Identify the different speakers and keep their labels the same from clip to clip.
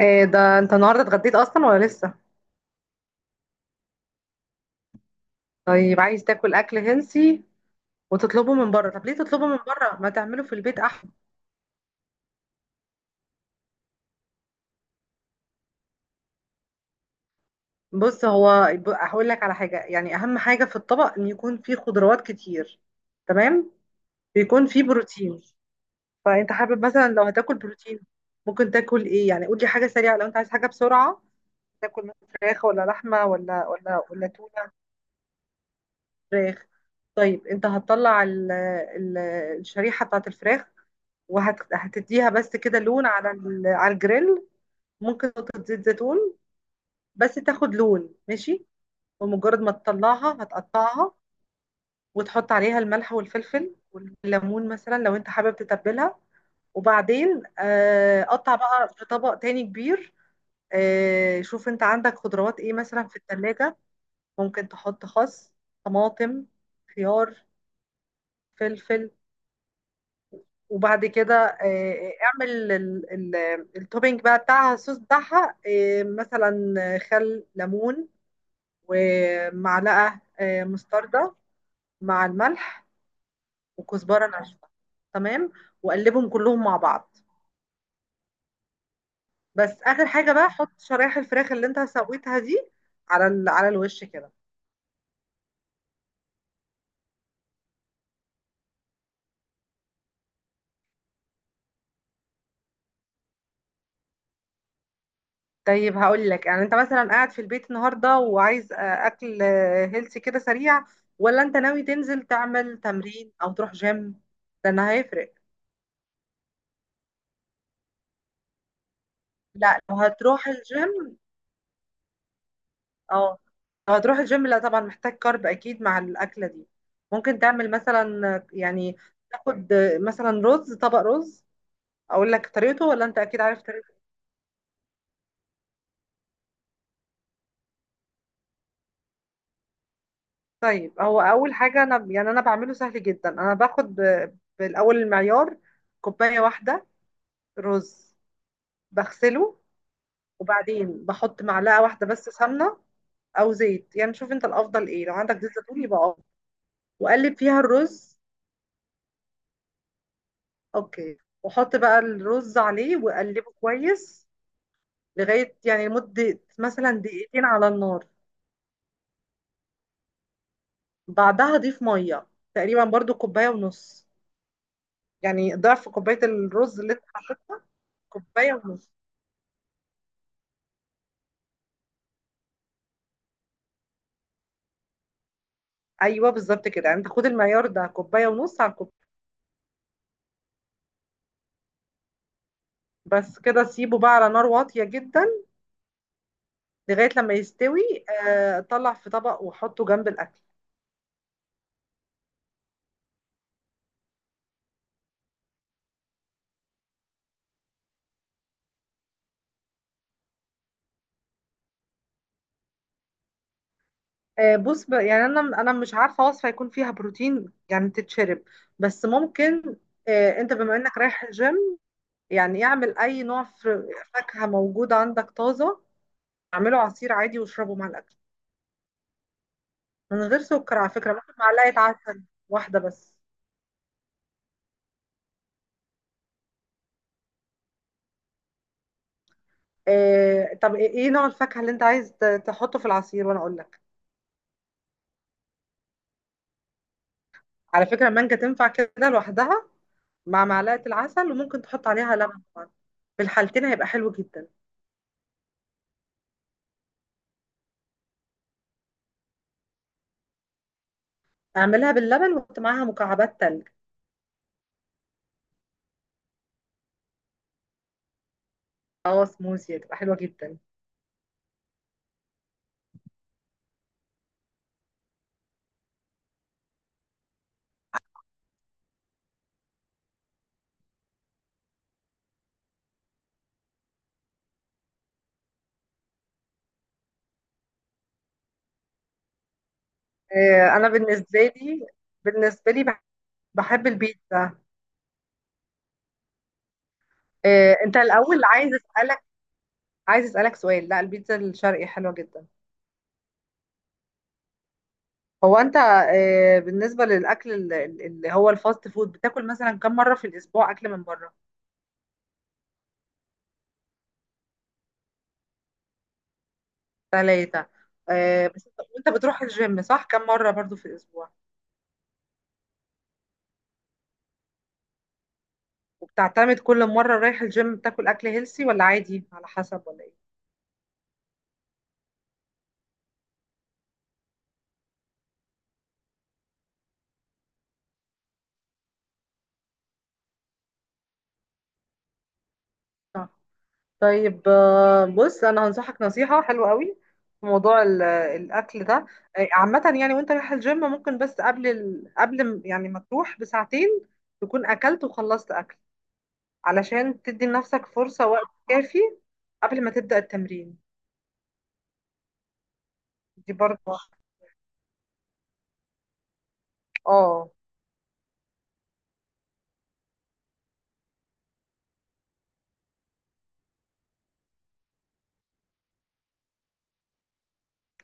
Speaker 1: ايه ده، انت النهارده اتغديت اصلا ولا لسه؟ طيب عايز تاكل اكل هنسي وتطلبه من بره؟ طب ليه تطلبه من بره؟ ما تعمله في البيت احسن. بص، هو هقول لك على حاجه، يعني اهم حاجه في الطبق ان يكون فيه خضروات كتير. تمام. ويكون فيه بروتين. فانت حابب مثلا لو هتاكل بروتين، ممكن تاكل ايه؟ يعني قول لي حاجه سريعه، لو انت عايز حاجه بسرعه، تاكل مثلا فراخ ولا لحمه ولا تونه؟ فراخ. طيب انت هتطلع الشريحه بتاعت الفراخ، وهتديها بس كده لون على على الجريل. ممكن نقطة زيت زيتون، بس تاخد لون. ماشي. ومجرد ما تطلعها هتقطعها، وتحط عليها الملح والفلفل والليمون، مثلا لو انت حابب تتبلها. وبعدين قطع بقى في طبق تاني كبير. شوف انت عندك خضروات ايه مثلا في التلاجة. ممكن تحط خس، طماطم، خيار، فلفل. وبعد كده اعمل ال- التوبينج بقى بتاعها، الصوص بتاعها، مثلا خل ليمون، ومعلقة مستردة مع الملح، وكزبرة ناشفة. تمام. وقلبهم كلهم مع بعض. بس اخر حاجة بقى، حط شرايح الفراخ اللي انت سويتها دي على على الوش كده. طيب هقول لك، يعني انت مثلا قاعد في البيت النهارده وعايز اكل هيلثي كده سريع، ولا انت ناوي تنزل تعمل تمرين او تروح جيم؟ ده انا هيفرق. لا، لو هتروح الجيم، اه، لو هتروح الجيم لا طبعا محتاج كارب اكيد مع الاكله دي. ممكن تعمل مثلا يعني، تاخد مثلا رز، طبق رز. اقول لك طريقته ولا انت اكيد عارف طريقته؟ طيب هو اول حاجه، انا يعني بعمله سهل جدا. انا باخد بالاول المعيار، كوبايه واحده رز. بغسله، وبعدين بحط معلقه واحده بس سمنه او زيت، يعني شوف انت الافضل ايه، لو عندك زيت زيتون يبقى افضل. واقلب فيها الرز. اوكي. واحط بقى الرز عليه واقلبه كويس لغايه يعني لمده مثلا دقيقتين على النار. بعدها اضيف ميه، تقريبا برضو كوبايه ونص، يعني ضعف كوبايه الرز اللي انت حطيت. كوبايه ونص. ايوه، بالظبط كده. يعني انت خد المعيار ده، كوبايه ونص على الكوبايه. بس كده، سيبه بقى على نار واطيه جدا لغايه لما يستوي. طلع في طبق وحطه جنب الاكل. بص، يعني انا مش عارفه وصفه يكون فيها بروتين يعني تتشرب، بس ممكن. انت بما انك رايح الجيم، يعني اعمل اي نوع فاكهه موجود عندك طازه، اعمله عصير عادي واشربه مع الاكل. من غير سكر على فكره، ممكن معلقه عسل واحده بس. طب ايه، نوع الفاكهه اللي انت عايز تحطه في العصير وانا اقول لك؟ على فكره، المانجا تنفع كده لوحدها مع معلقه العسل، وممكن تحط عليها لبن طبعا. في الحالتين هيبقى حلو جدا. اعملها باللبن وحط معاها مكعبات تلج. اه، سموزي هتبقى حلوة جدا. انا بالنسبة لي، بالنسبة لي بحب البيتزا. انت الاول، عايز اسألك سؤال. لا، البيتزا الشرقي حلوة جدا. هو انت بالنسبة للاكل اللي هو الفاست فود، بتاكل مثلا كم مرة في الاسبوع اكل من بره؟ ثلاثة؟ بس انت، وانت بتروح الجيم صح، كم مرة برضو في الاسبوع؟ وبتعتمد كل مرة رايح الجيم بتاكل اكل هيلسي ولا عادي على حسب، ولا ايه؟ صح. طيب، بص انا هنصحك نصيحه حلوه قوي في موضوع الاكل ده. عامه يعني، وانت رايح الجيم، ممكن بس يعني ما تروح بساعتين تكون اكلت وخلصت اكل، علشان تدي لنفسك فرصه، وقت كافي قبل ما تبدا التمرين. دي برضه. اه.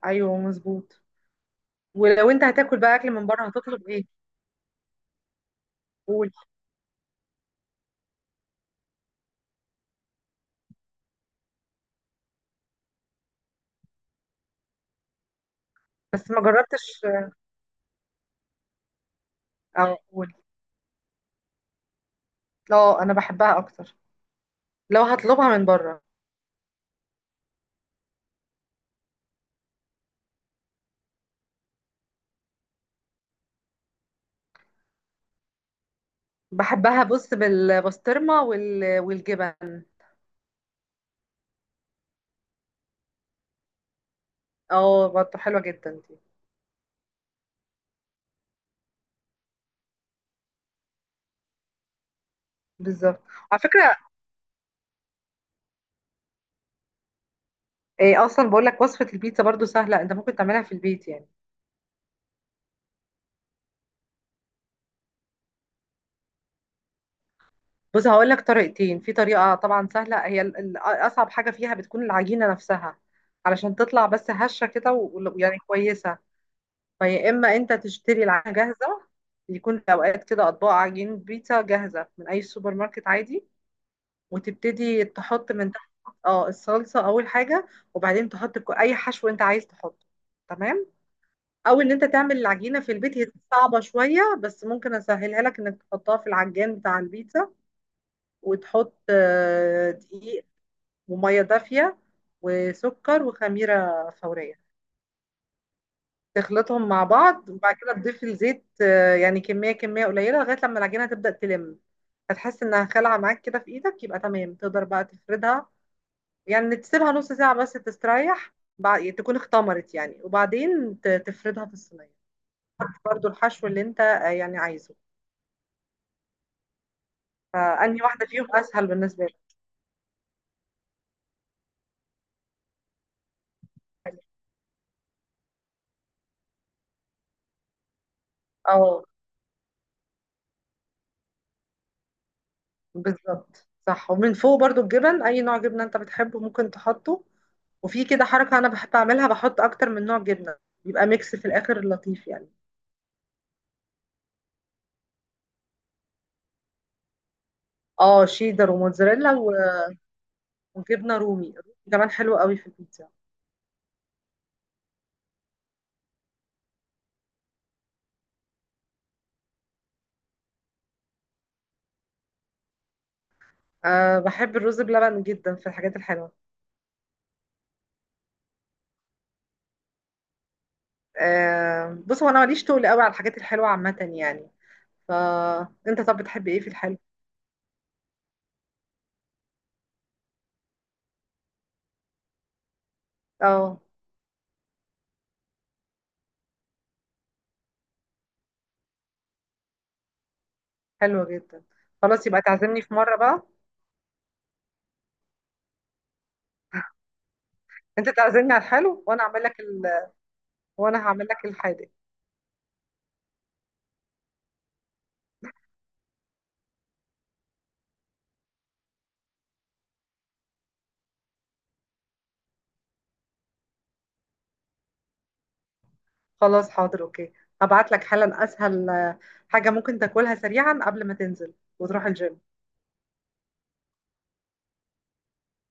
Speaker 1: ايوه مظبوط. ولو انت هتاكل بقى اكل من بره، هتطلب ايه؟ قول. بس ما جربتش. اه، قول. لا، انا بحبها اكتر لو هطلبها من بره. بحبها، بص، بالبسطرمة والجبن. اه، برضه حلوة جدا دي، بالظبط. على فكرة، إيه اصلا بقول لك وصفة البيتزا برضه سهلة، انت ممكن تعملها في البيت يعني. بص، هقول لك طريقتين. في طريقة طبعا سهلة، هي اصعب حاجة فيها بتكون العجينة نفسها، علشان تطلع بس هشة كده ويعني كويسة. فيا اما انت تشتري العجينة جاهزة، يكون في اوقات كده اطباق عجين بيتزا جاهزة من اي سوبر ماركت عادي، وتبتدي تحط من تحت، اه، الصلصة أول حاجة، وبعدين تحط أي حشو أنت عايز تحطه. تمام. أو إن أنت تعمل العجينة في البيت، هي صعبة شوية، بس ممكن أسهلها لك إنك تحطها في العجان بتاع البيتزا، وتحط دقيق، ومية دافية، وسكر، وخميرة فورية. تخلطهم مع بعض، وبعد كده تضيف الزيت، يعني كمية قليلة لغاية لما العجينة تبدأ تلم. هتحس إنها خلعة معاك كده في إيدك، يبقى تمام تقدر بقى تفردها. يعني تسيبها نص ساعة بس تستريح، بعد تكون اختمرت يعني، وبعدين تفردها في الصينية. حط برضو الحشو اللي انت يعني عايزه. فأنهي واحدة فيهم أسهل بالنسبة لك؟ اه، بالظبط صح. ومن فوق برضو الجبن، أي نوع جبنة انت بتحبه ممكن تحطه. وفي كده حركة أنا بحب أعملها، بحط أكتر من نوع جبنة، يبقى ميكس في الآخر لطيف يعني. اه، شيدر وموتزاريلا وجبنة رومي. الرومي كمان حلو قوي في البيتزا. أه، بحب الرز بلبن جدا في الحاجات الحلوة. بص، هو انا ماليش طول قوي على الحاجات الحلوه عامه يعني. فانت، طب بتحب ايه في الحلو؟ اه، حلوه جدا. خلاص، يبقى تعزمني في مره بقى. انت تعزمني على الحلو وانا اعمل لك وانا هعمل لك الحادق. خلاص، حاضر. اوكي، هبعت لك حالا اسهل حاجه ممكن تاكلها سريعا قبل ما تنزل وتروح الجيم.